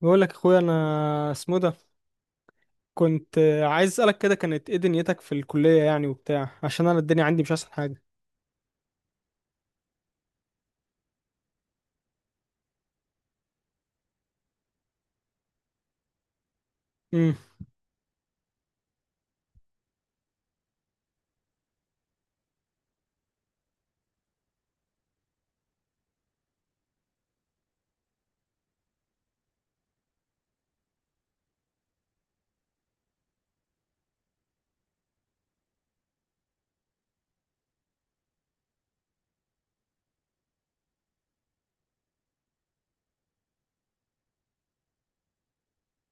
بقول لك اخويا انا اسمه ده. كنت عايز اسالك كده، كانت ايه دنيتك في الكليه يعني وبتاع؟ عشان انا الدنيا عندي مش احسن حاجه. امم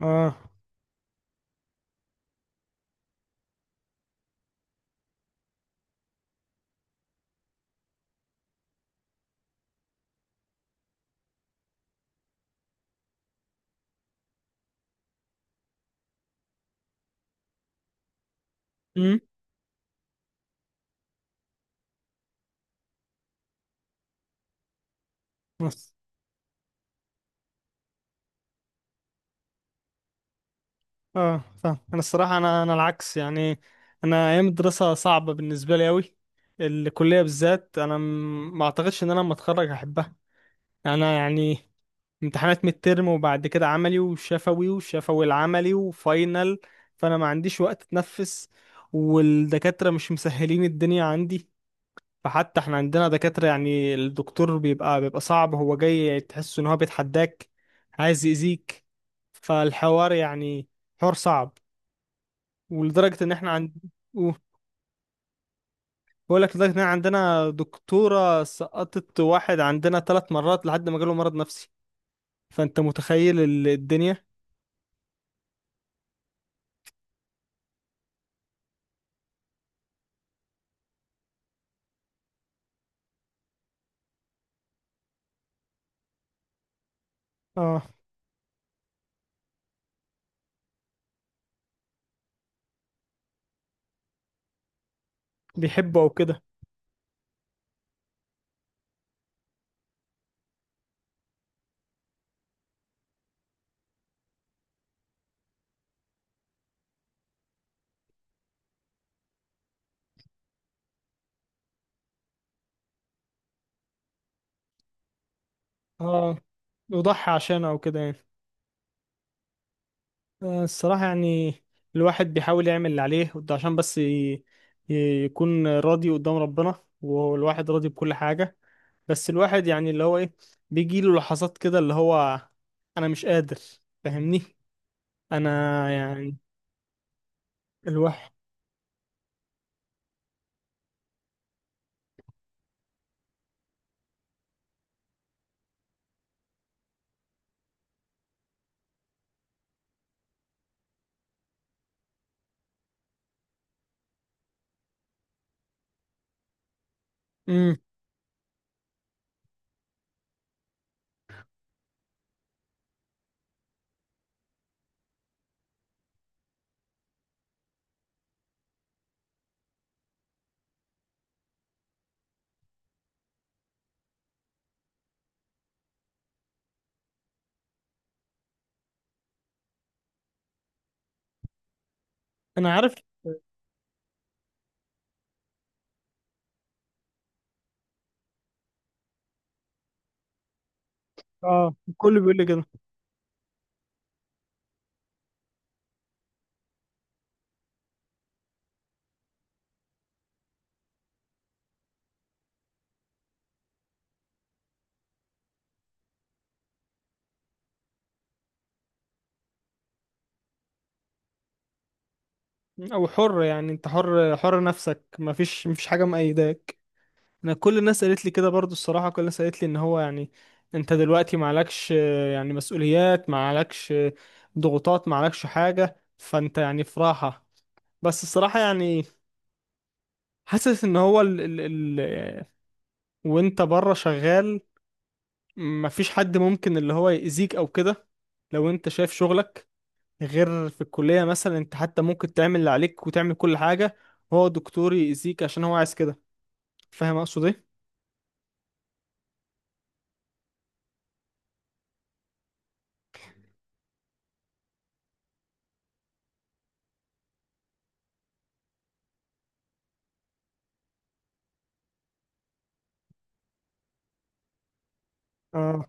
اه. امم. بس اه، فاهم انا. الصراحه انا العكس يعني. انا ايام الدراسه صعبه بالنسبه لي قوي. الكليه بالذات، انا ما اعتقدش ان انا لما اتخرج هحبها. يعني انا يعني امتحانات ميد ترم وبعد كده عملي وشفوي، وشفوي العملي، وفاينل. فانا ما عنديش وقت اتنفس. والدكاتره مش مسهلين الدنيا عندي. فحتى احنا عندنا دكاترة يعني الدكتور بيبقى صعب، هو جاي تحس ان هو بيتحداك، عايز يأذيك. فالحوار يعني حوار صعب. ولدرجة ان احنا عند، بقول لك لدرجة ان احنا عندنا دكتورة سقطت واحد عندنا ثلاث مرات لحد ما جاله مرض نفسي. فانت متخيل الدنيا. اه، بيحبه او كده. اه، يضحي عشانه او كده يعني. الصراحة يعني الواحد بيحاول يعمل اللي عليه، وده عشان بس يكون راضي قدام ربنا، والواحد راضي بكل حاجة. بس الواحد يعني اللي هو ايه، بيجيله لحظات كده اللي هو انا مش قادر. فاهمني؟ انا يعني الواحد. امم. انا عارف، اه، الكل بيقول لي كده. او حر، يعني انت حر، حر نفسك، مفيش مفيش حاجة مقيداك. انا كل الناس قالت لي كده برضو الصراحه، كل الناس قالت لي ان هو يعني انت دلوقتي معلكش يعني مسؤوليات، معلكش ضغوطات، معلكش حاجه، فانت يعني في راحه. بس الصراحه يعني حاسس ان هو ال ال ال آه، وانت بره شغال مفيش حد ممكن اللي هو يأذيك او كده لو انت شايف شغلك. غير في الكليه مثلا، انت حتى ممكن تعمل اللي عليك وتعمل كل حاجه، هو دكتور يأذيك عشان هو عايز كده. فاهم اقصد ايه؟ اه.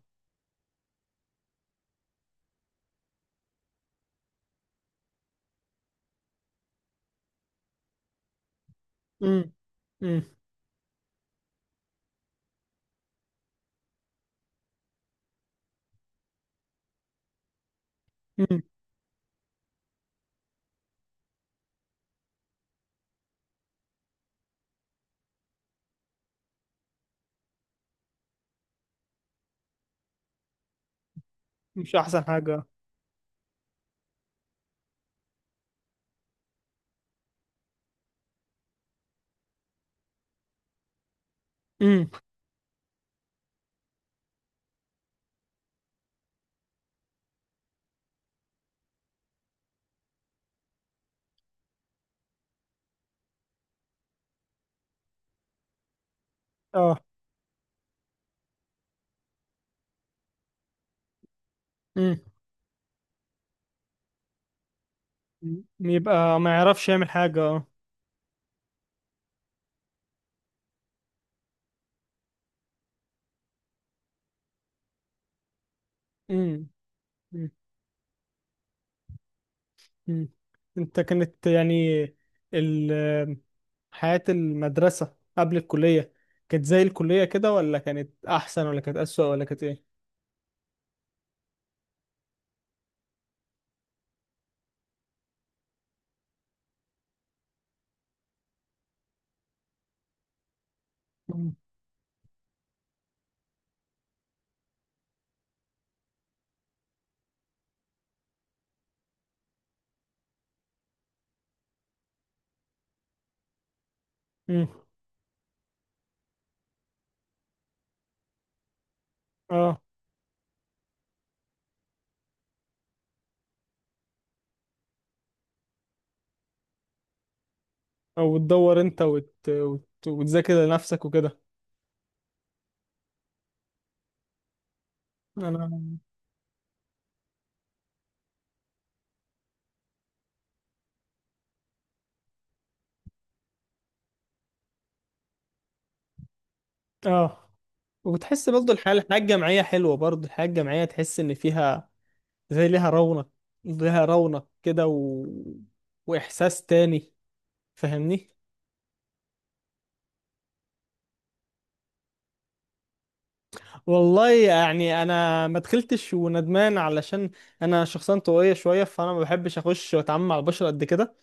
امم. مش احسن حاجة. امم. اه. امم. يبقى ما يعرفش يعمل حاجة، اه. امم. أمم. أمم. انت كانت يعني ال- حياة المدرسة قبل الكلية، كانت زي الكلية كده، ولا كانت احسن، ولا كانت اسوأ، ولا كانت ايه؟ امم. أمم. اه. او تدور انت وتذاكر لنفسك وكده. انا اه، وتحس برضه الحياة، الحياة الجامعية حلوة، برضه الحياة الجامعية تحس ان فيها، زي ليها رونق، ليها رونق كده و، واحساس تاني. فاهمني؟ والله يعني انا ما دخلتش وندمان، علشان انا شخصيا طويله شويه فانا ما بحبش اخش واتعامل مع البشر قد كده.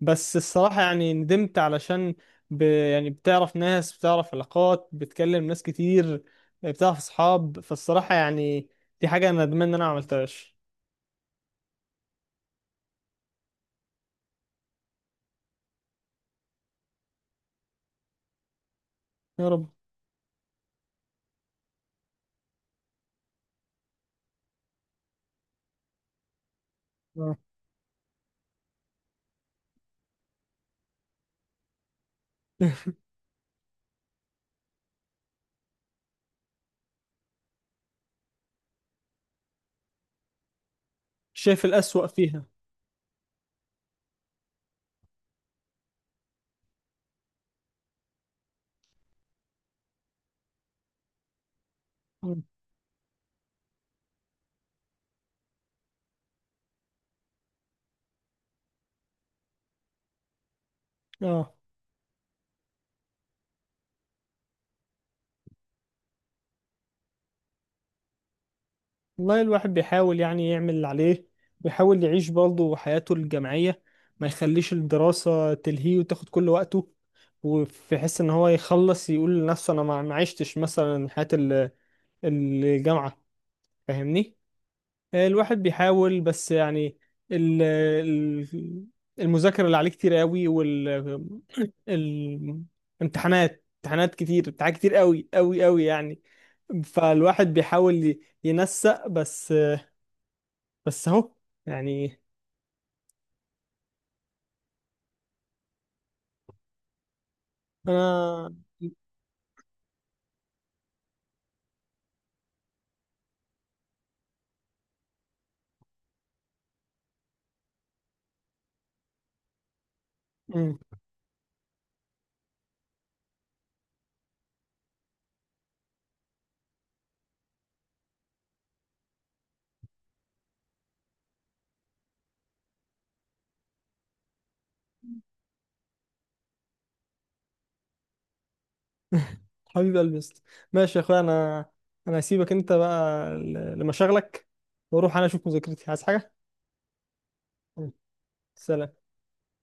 بس الصراحه يعني ندمت، علشان ب، يعني بتعرف ناس، بتعرف علاقات، بتكلم ناس كتير، بتعرف اصحاب. فالصراحه يعني دي حاجه انا ندمان ان انا ما عملتهاش. يا رب. آه. شايف الأسوأ فيها. مم. اه، والله الواحد بيحاول يعني يعمل اللي عليه، بيحاول يعيش برضه حياته الجامعية، ما يخليش الدراسة تلهيه وتاخد كل وقته، وفي حس ان هو يخلص يقول لنفسه انا ما عشتش مثلا حياة الجامعة. فاهمني؟ الواحد بيحاول بس يعني ال- ال- المذاكرة اللي عليه كتير قوي، وال الامتحانات، امتحانات كتير، امتحانات كتير قوي قوي قوي يعني. فالواحد بيحاول ينسق بس، بس اهو يعني. انا. مم. حبيب قلبي يا اسطى. ماشي يا اخويا انا، انا هسيبك انت بقى لمشاغلك واروح انا اشوف مذاكرتي عايز حاجه. مم. سلام.